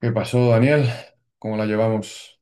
¿Qué pasó, Daniel? ¿Cómo la llevamos?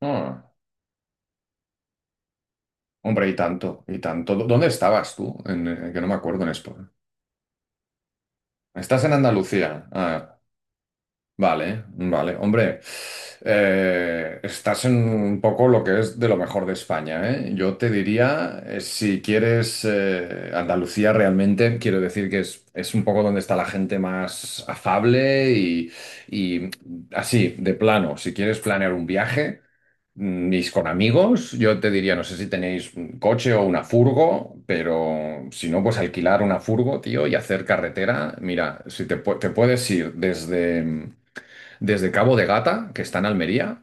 Ah, hombre, y tanto, y tanto. ¿Dónde estabas tú? En, que no me acuerdo en esto. Estás en Andalucía. Ah, vale, vale. Hombre, estás en un poco lo que es de lo mejor de España, ¿eh? Yo te diría, si quieres, Andalucía realmente, quiero decir que es un poco donde está la gente más afable y así, de plano, si quieres planear un viaje, y con amigos, yo te diría, no sé si tenéis un coche o una furgo, pero si no, pues alquilar una furgo, tío, y hacer carretera. Mira, si te, pu- te puedes ir desde Cabo de Gata, que está en Almería,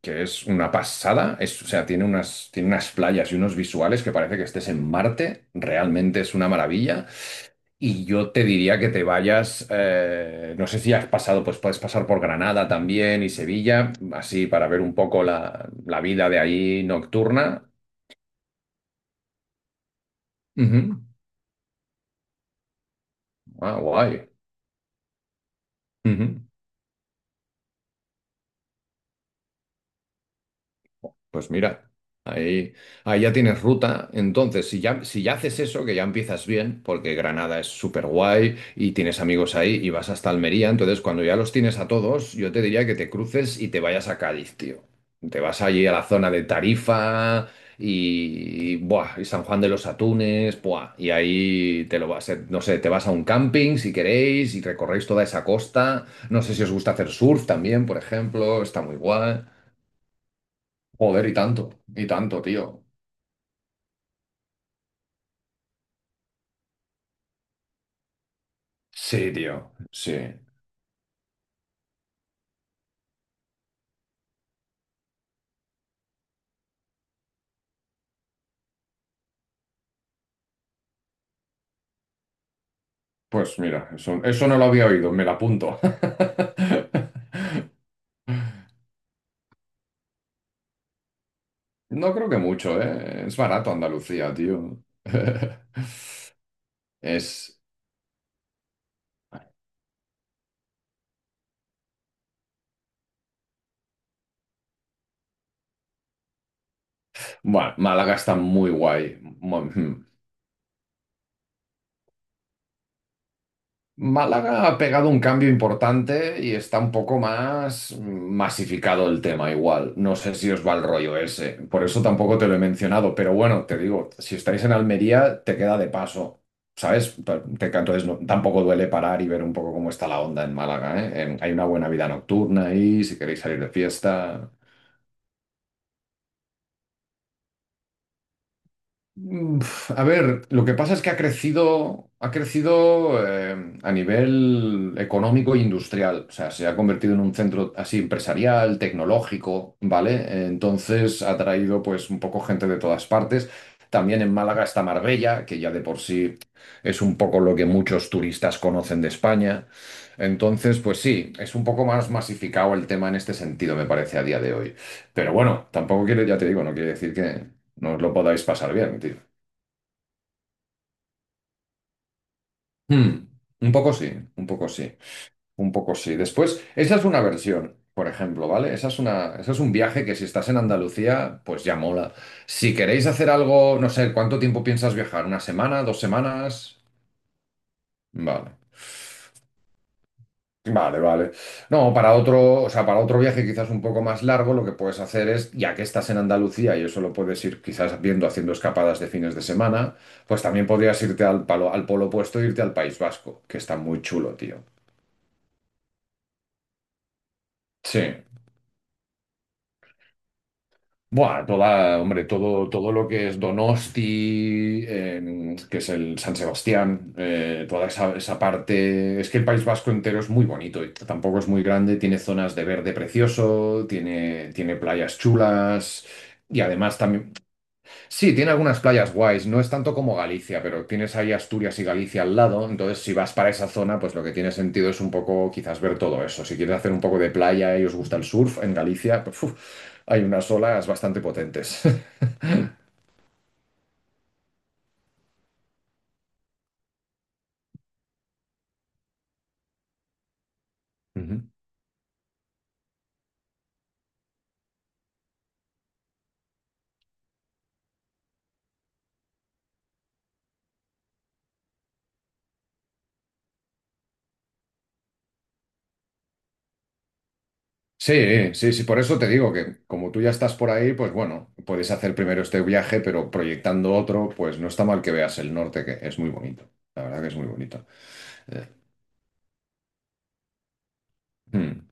que es una pasada, es, o sea, tiene unas playas y unos visuales que parece que estés en Marte, realmente es una maravilla. Y yo te diría que te vayas, no sé si has pasado, pues puedes pasar por Granada también y Sevilla, así para ver un poco la vida de ahí nocturna. Ujú. Ah, guay. Ujú. Pues mira, ahí, ahí ya tienes ruta. Entonces, si ya haces eso, que ya empiezas bien, porque Granada es súper guay y tienes amigos ahí y vas hasta Almería, entonces cuando ya los tienes a todos, yo te diría que te cruces y te vayas a Cádiz, tío. Te vas allí a la zona de Tarifa y, buah, y San Juan de los Atunes, buah, y ahí te lo vas, no sé, te vas a un camping si queréis y recorréis toda esa costa. No sé si os gusta hacer surf también, por ejemplo, está muy guay. Joder, y tanto, tío. Sí, tío, sí. Pues mira, eso no lo había oído, me la apunto. No creo que mucho, ¿eh? Es barato Andalucía, tío. Es... Bueno, Málaga está muy guay. Málaga ha pegado un cambio importante y está un poco más masificado el tema igual. No sé si os va el rollo ese, por eso tampoco te lo he mencionado, pero bueno, te digo, si estáis en Almería, te queda de paso, ¿sabes? Entonces tampoco duele parar y ver un poco cómo está la onda en Málaga, ¿eh? Hay una buena vida nocturna ahí, si queréis salir de fiesta. Uf, a ver, lo que pasa es que ha crecido a nivel económico e industrial. O sea, se ha convertido en un centro así empresarial, tecnológico, ¿vale? Entonces ha traído pues un poco gente de todas partes. También en Málaga está Marbella, que ya de por sí es un poco lo que muchos turistas conocen de España. Entonces, pues sí, es un poco más masificado el tema en este sentido, me parece, a día de hoy. Pero bueno, tampoco quiere, ya te digo, no quiere decir que no os lo podáis pasar bien, tío. Hmm, Un poco sí, un poco sí, un poco sí. Después, esa es una versión, por ejemplo, ¿vale? Esa es un viaje que si estás en Andalucía, pues ya mola. Si queréis hacer algo, no sé, ¿cuánto tiempo piensas viajar? ¿Una semana? ¿2 semanas? Vale. Vale, vale. No, para otro, o sea, para otro viaje quizás un poco más largo, lo que puedes hacer es, ya que estás en Andalucía y eso lo puedes ir quizás viendo haciendo escapadas de fines de semana, pues también podrías irte al polo opuesto e irte al País Vasco, que está muy chulo, tío. Sí. Buah, toda, hombre, todo lo que es Donosti, que es el San Sebastián, toda esa parte. Es que el País Vasco entero es muy bonito, y tampoco es muy grande, tiene zonas de verde precioso, tiene playas chulas y además también. Sí, tiene algunas playas guays, no es tanto como Galicia, pero tienes ahí Asturias y Galicia al lado, entonces si vas para esa zona, pues lo que tiene sentido es un poco quizás ver todo eso. Si quieres hacer un poco de playa y os gusta el surf en Galicia, pues, uf, hay unas olas bastante potentes. Ujú. Sí, sí, sí, por eso te digo que como tú ya estás por ahí, pues bueno, puedes hacer primero este viaje, pero proyectando otro, pues no está mal que veas el norte, que es muy bonito. La verdad que es muy bonito. Eh, mm,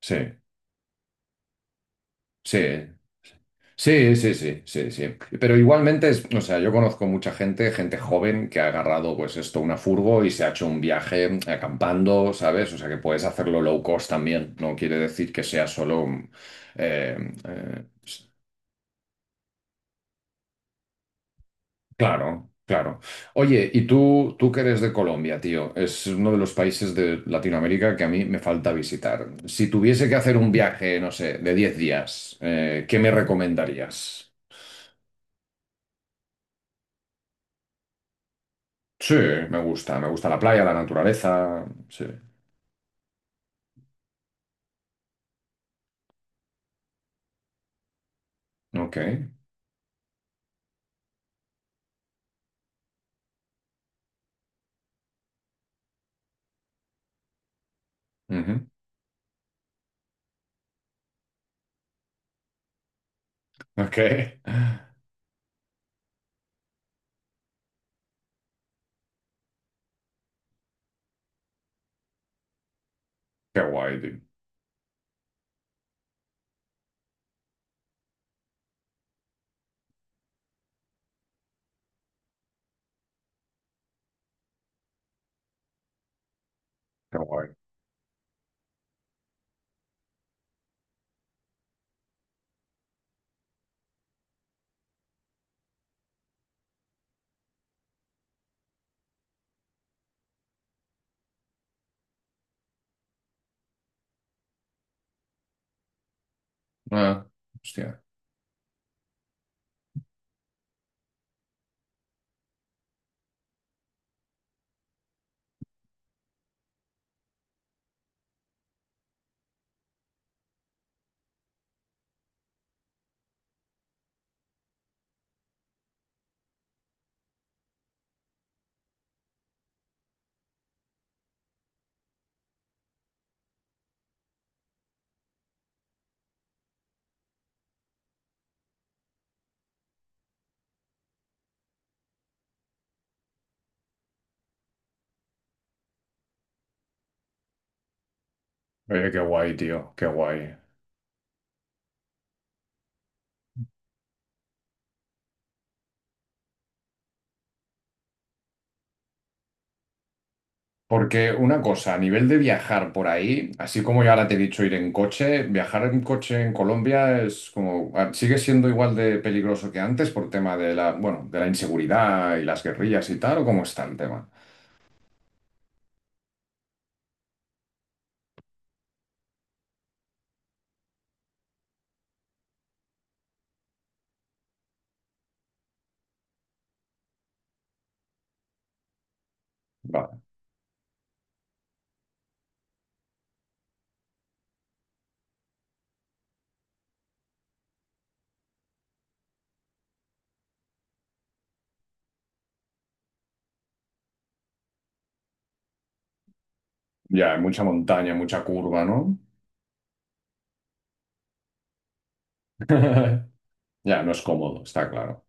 sí, sí. Sí, sí, sí, sí, sí. Pero igualmente, es, o sea, yo conozco mucha gente joven que ha agarrado, pues esto, una furgo y se ha hecho un viaje acampando, ¿sabes? O sea, que puedes hacerlo low cost también. No quiere decir que sea solo... eh, eh, s- claro, claro. Oye, y tú que eres de Colombia, tío, es uno de los países de Latinoamérica que a mí me falta visitar. Si tuviese que hacer un viaje, no sé, de 10 días, ¿qué me recomendarías? Sí, me gusta la playa, la naturaleza. Sí. Ok. Ujú, ok. Qué guay, tío. Qué guay. Ah, hostia. Oye, qué guay, tío. Qué guay. Porque una cosa, a nivel de viajar por ahí, así como yo ahora te he dicho ir en coche, viajar en coche en Colombia es como, ah, sigue siendo igual de peligroso que antes por tema de la, bueno, de la inseguridad y las guerrillas y tal, ¿o cómo está el tema? Vale. Ya, hay mucha montaña, mucha curva, ¿no? Ya, no es cómodo, está claro.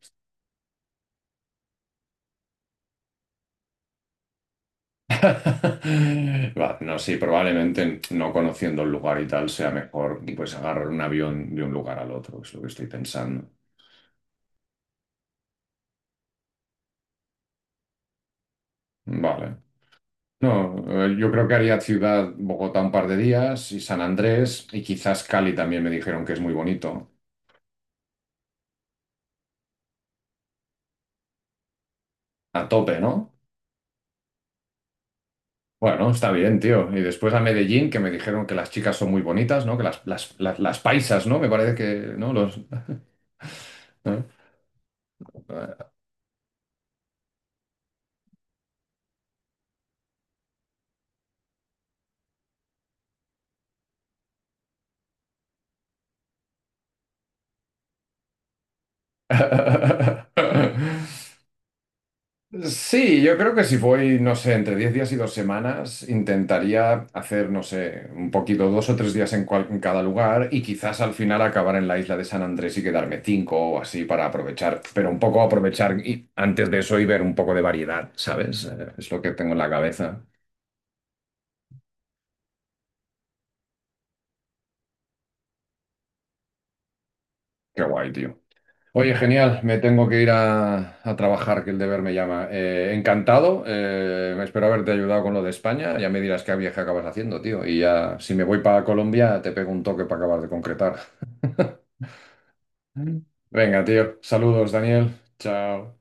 Va, no, sí, probablemente no conociendo el lugar y tal sea mejor pues agarrar un avión de un lugar al otro, es lo que estoy pensando. Vale. No, yo creo que haría ciudad Bogotá un par de días y San Andrés y quizás Cali también me dijeron que es muy bonito. A tope, ¿no? Bueno, está bien, tío. Y después a Medellín, que me dijeron que las chicas son muy bonitas, ¿no? Que las paisas, ¿no? Me parece que, ¿no? Los... Sí, yo creo que si voy, no sé, entre 10 días y 2 semanas, intentaría hacer, no sé, un poquito, 2 o 3 días en cada lugar y quizás al final acabar en la isla de San Andrés y quedarme cinco o así para aprovechar, pero un poco aprovechar y antes de eso y ver un poco de variedad, ¿sabes? Es lo que tengo en la cabeza. Qué guay, tío. Oye, genial, me tengo que ir a trabajar, que el deber me llama. Encantado, espero haberte ayudado con lo de España. Ya me dirás qué viaje acabas haciendo, tío. Y ya, si me voy para Colombia, te pego un toque para acabar de concretar. Venga, tío, saludos, Daniel. Chao.